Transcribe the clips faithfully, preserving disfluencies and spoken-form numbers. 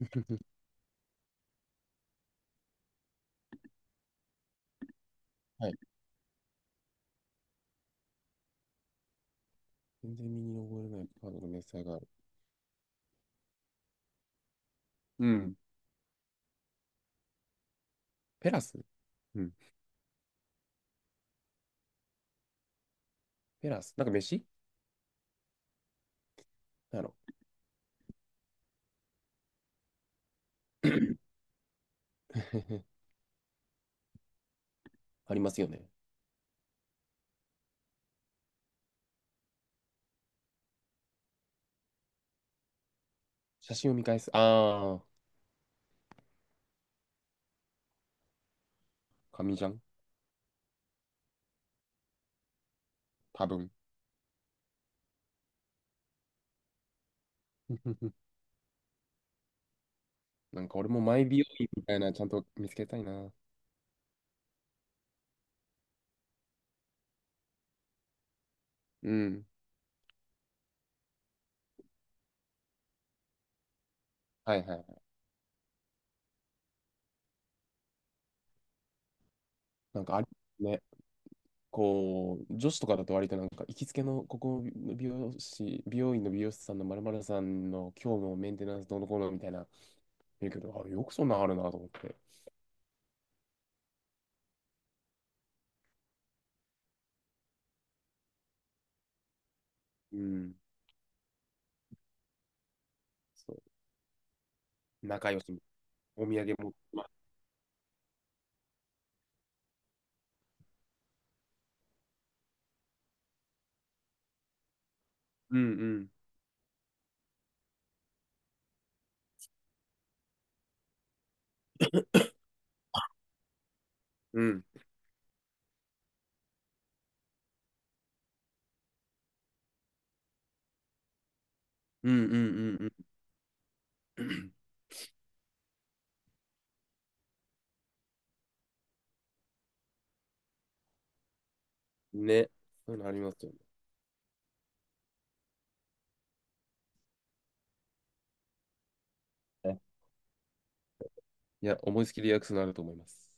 はい。全然身に覚えれないカードの明細がある。うん。ペラス。うん。ペラスなんか飯、なんやろ。 ありますよね。写真を見返す。ああ、紙じゃん。多分。なんか俺もマイ美容院みたいなちゃんと見つけたいな。うん。はいはい。なんかあるね。こう、女子とかだと割となんか行きつけのここの美容師、美容院の美容師さんのまるまるさんの今日のメンテナンスどうのこうのみたいな言うけど、あ、よくそんなんあるなと思って。うん。そう。仲良し、お土産持ってます。うんうん。うん。うんうんうんうん。ね。そういうのありますよね。いや、思いつきでリアクスのあると思います。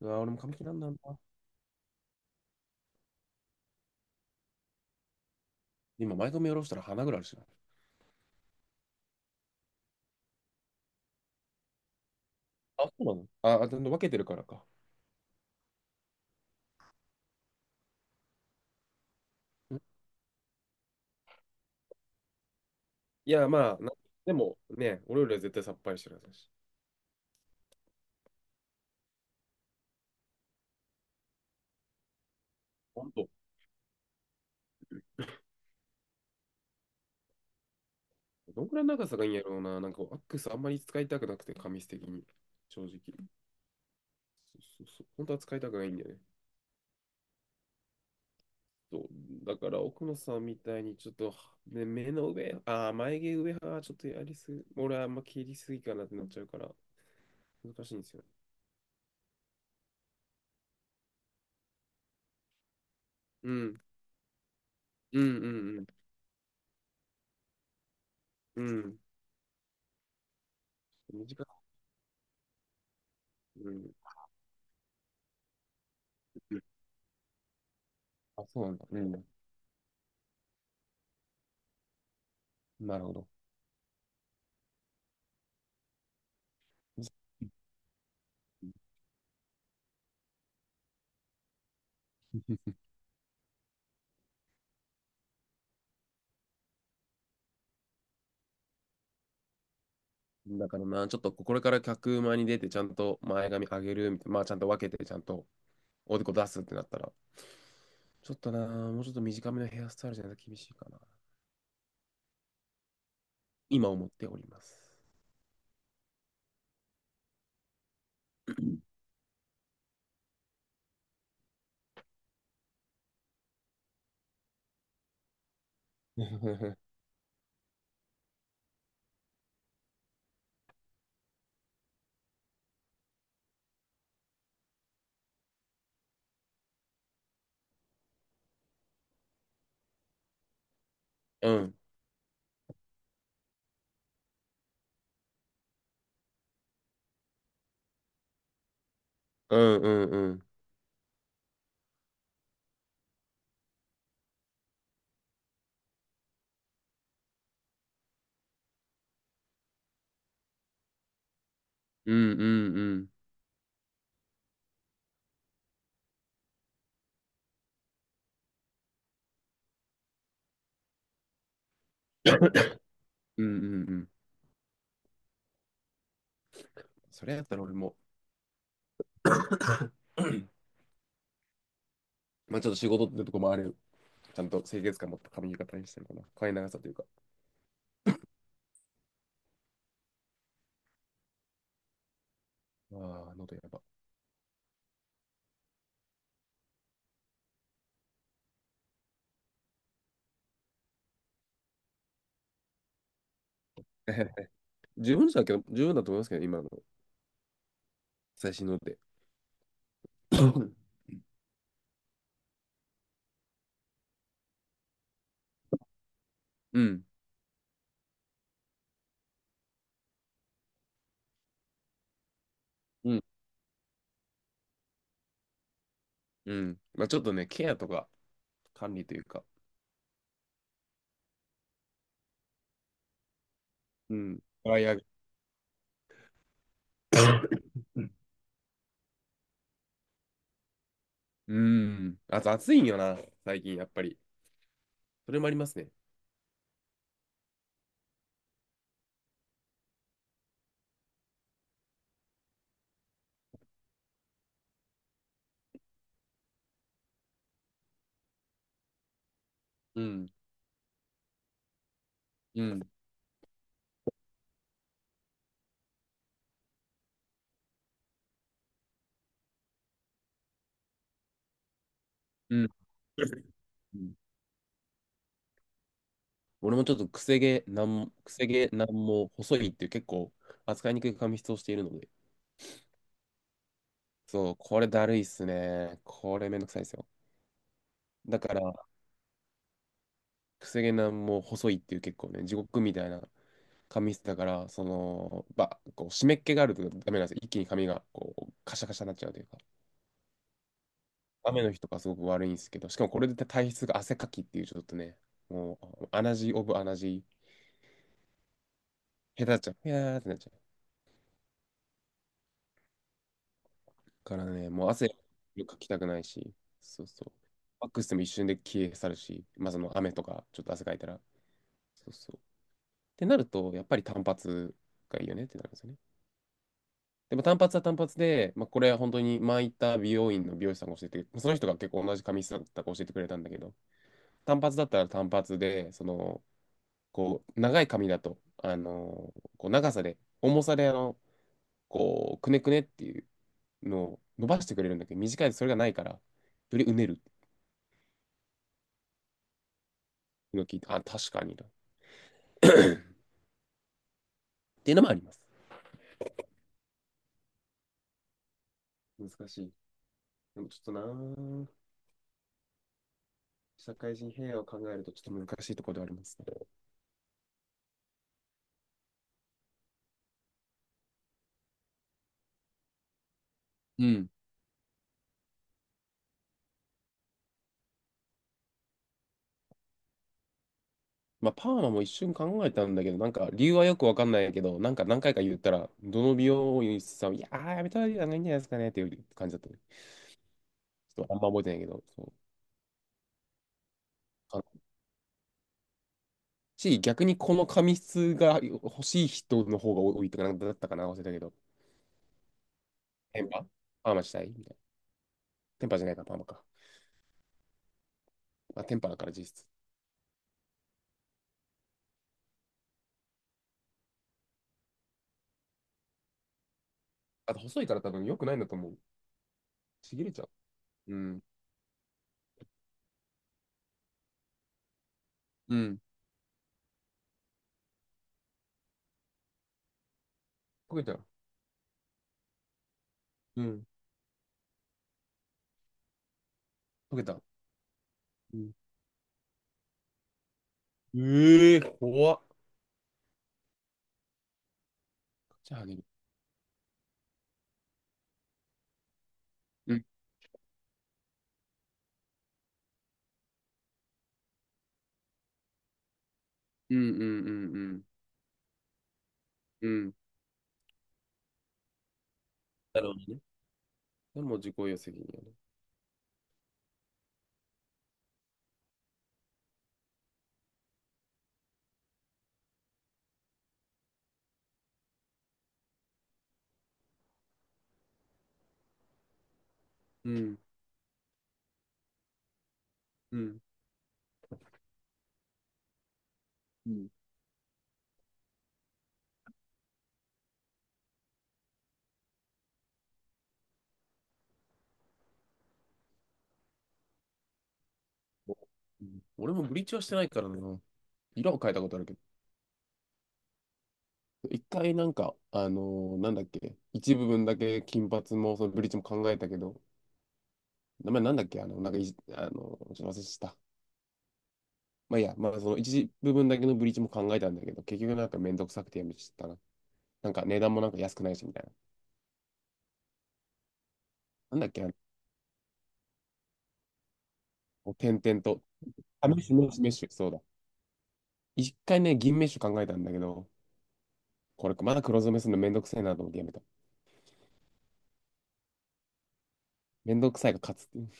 うわ、俺も髪切らんなんだ。今、前髪下ろしたら鼻ぐらいあるしな。あ、そうなの、あ、あ、でも分けてるからか。ん、いや、まあ、な、でもね、俺よりは絶対さっぱりしてるはずだし。ほんと。どんくらいの長さがいいんやろうな。なんか、アックスあんまり使いたくなくて、紙質的に。正直。そうそうそう。本当は使いたくないんだよね。そう、だから奥野さんみたいにちょっと、ね、目の上、あー、眉毛上はちょっとやりすぎ、俺はあんま切りすぎかなってなっちゃうから、難しいんですよね。うん、うん、うん、うん、うん。短く、うん、うん、あ、そうなんだ。うん、なるほど。だからな、ちょっとこれから客前に出て、ちゃんと前髪上げるみたいな、まあちゃんと分けて、ちゃんとおでこ出すってなったら、ちょっとな、もうちょっと短めのヘアスタイルじゃないと厳しいかな。今思っております。うん。うんうんうん。うんうんうん。うんうんうん。それやったら俺も、 まあちょっと仕事ってとこもある。ちゃんと清潔感持った髪型にしたいかな。髪長さというか。ああ、喉やば。十分だけど、十分だと思いますけど、今の最新ので。うん。うん。うん。まあちょっとね、ケアとか管理というか。うん。ドライヤー。 うん。あと暑いんよな、最近やっぱり。それもありますね。うん。うん。うん。うん、俺もちょっとくせ毛なんも、くせ毛なんも細いっていう結構扱いにくい髪質をしているので、そう、これだるいっすね。これめんどくさいですよ。だから、くせ毛なんも細いっていう結構ね、地獄みたいな髪質だから、その、ば、こう湿っ気があるとダメなんですよ。一気に髪がこうカシャカシャになっちゃうというか、雨の日とかすごく悪いんですけど、しかもこれで体質が汗かきっていうちょっとね、もう、アナジーオブアナジー、下手っちゃう。いやーってなっちゃう。からね、もう汗かきたくないし、そうそう。ワックスでも一瞬で消え去るし、まあその雨とかちょっと汗かいたら、そうそう。ってなると、やっぱり単発がいいよねってなるんですよね。でも単発は単発で、まあ、これは本当に前行った美容院の美容師さんが教えて、その人が結構同じ髪質だったから教えてくれたんだけど、単発だったら単発で、その、こう、長い髪だと、あのこう長さで、重さで、あの、こう、くねくねっていうのを伸ばしてくれるんだけど、短いとそれがないから、よりうねる。今聞いて、あ、確かにだ、 っていうのもあります。難しい。でもちょっとな、社会人平和を考えるとちょっと難しいところではありますね。うん。まあ、パーマも一瞬考えたんだけど、なんか理由はよくわかんないけど、なんか何回か言ったら、どの美容院さんも、いやー、やめたらいいんじゃないですかねっていう感じだった。ちょっとあんま覚えてないけど、そう。あのし、逆にこの髪質が欲しい人の方が多いとか、なんかだったかな、忘れたけど。テンパパーマしたいみたいな。テンパじゃないか、パーマか。まあ、テンパだから実質。あと細いから多分良くないんだと思う。ちぎれちゃう。うん。うん。溶けちゃう。うん。溶けた。うん、ええー、怖っ。じゃああげる。うんうんうんうんうん。うん。なるほどね。でも自己責任やね。うん。うん。うん。うん、俺もブリーチはしてないからな。色を変えたことあるけど。一回なんか、あのーなんだっけ、一部分だけ金髪もそのブリーチも考えたけど、名前なんだっけ、あの、なんかいじ、あのーちょっと忘れした。まあいいや、まあその一部分だけのブリーチも考えたんだけど、結局なんかめんどくさくてやめちゃったな。なんか値段もなんか安くないしみたいな。なんだっけな、こう点々と。あ、メッシュ、メッシュ、メッシュ、そうだ。一回ね、銀メッシュ考えたんだけど、これ、まだ黒染めするのめんどくせいなと思ってやめた。めんどくさいが勝つっていう。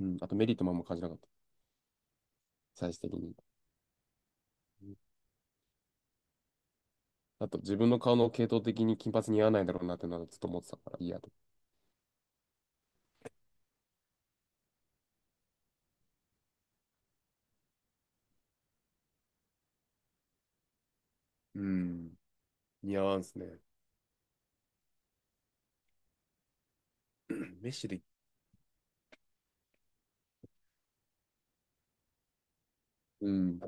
うん。うん、あとメリットもあんま感じなかった。最終的に。うん、あと自分の顔の系統的に金髪似合わないだろうなってのはずっと思ってたから、いいやと。うん。似合わんすね。メッシュで、うん。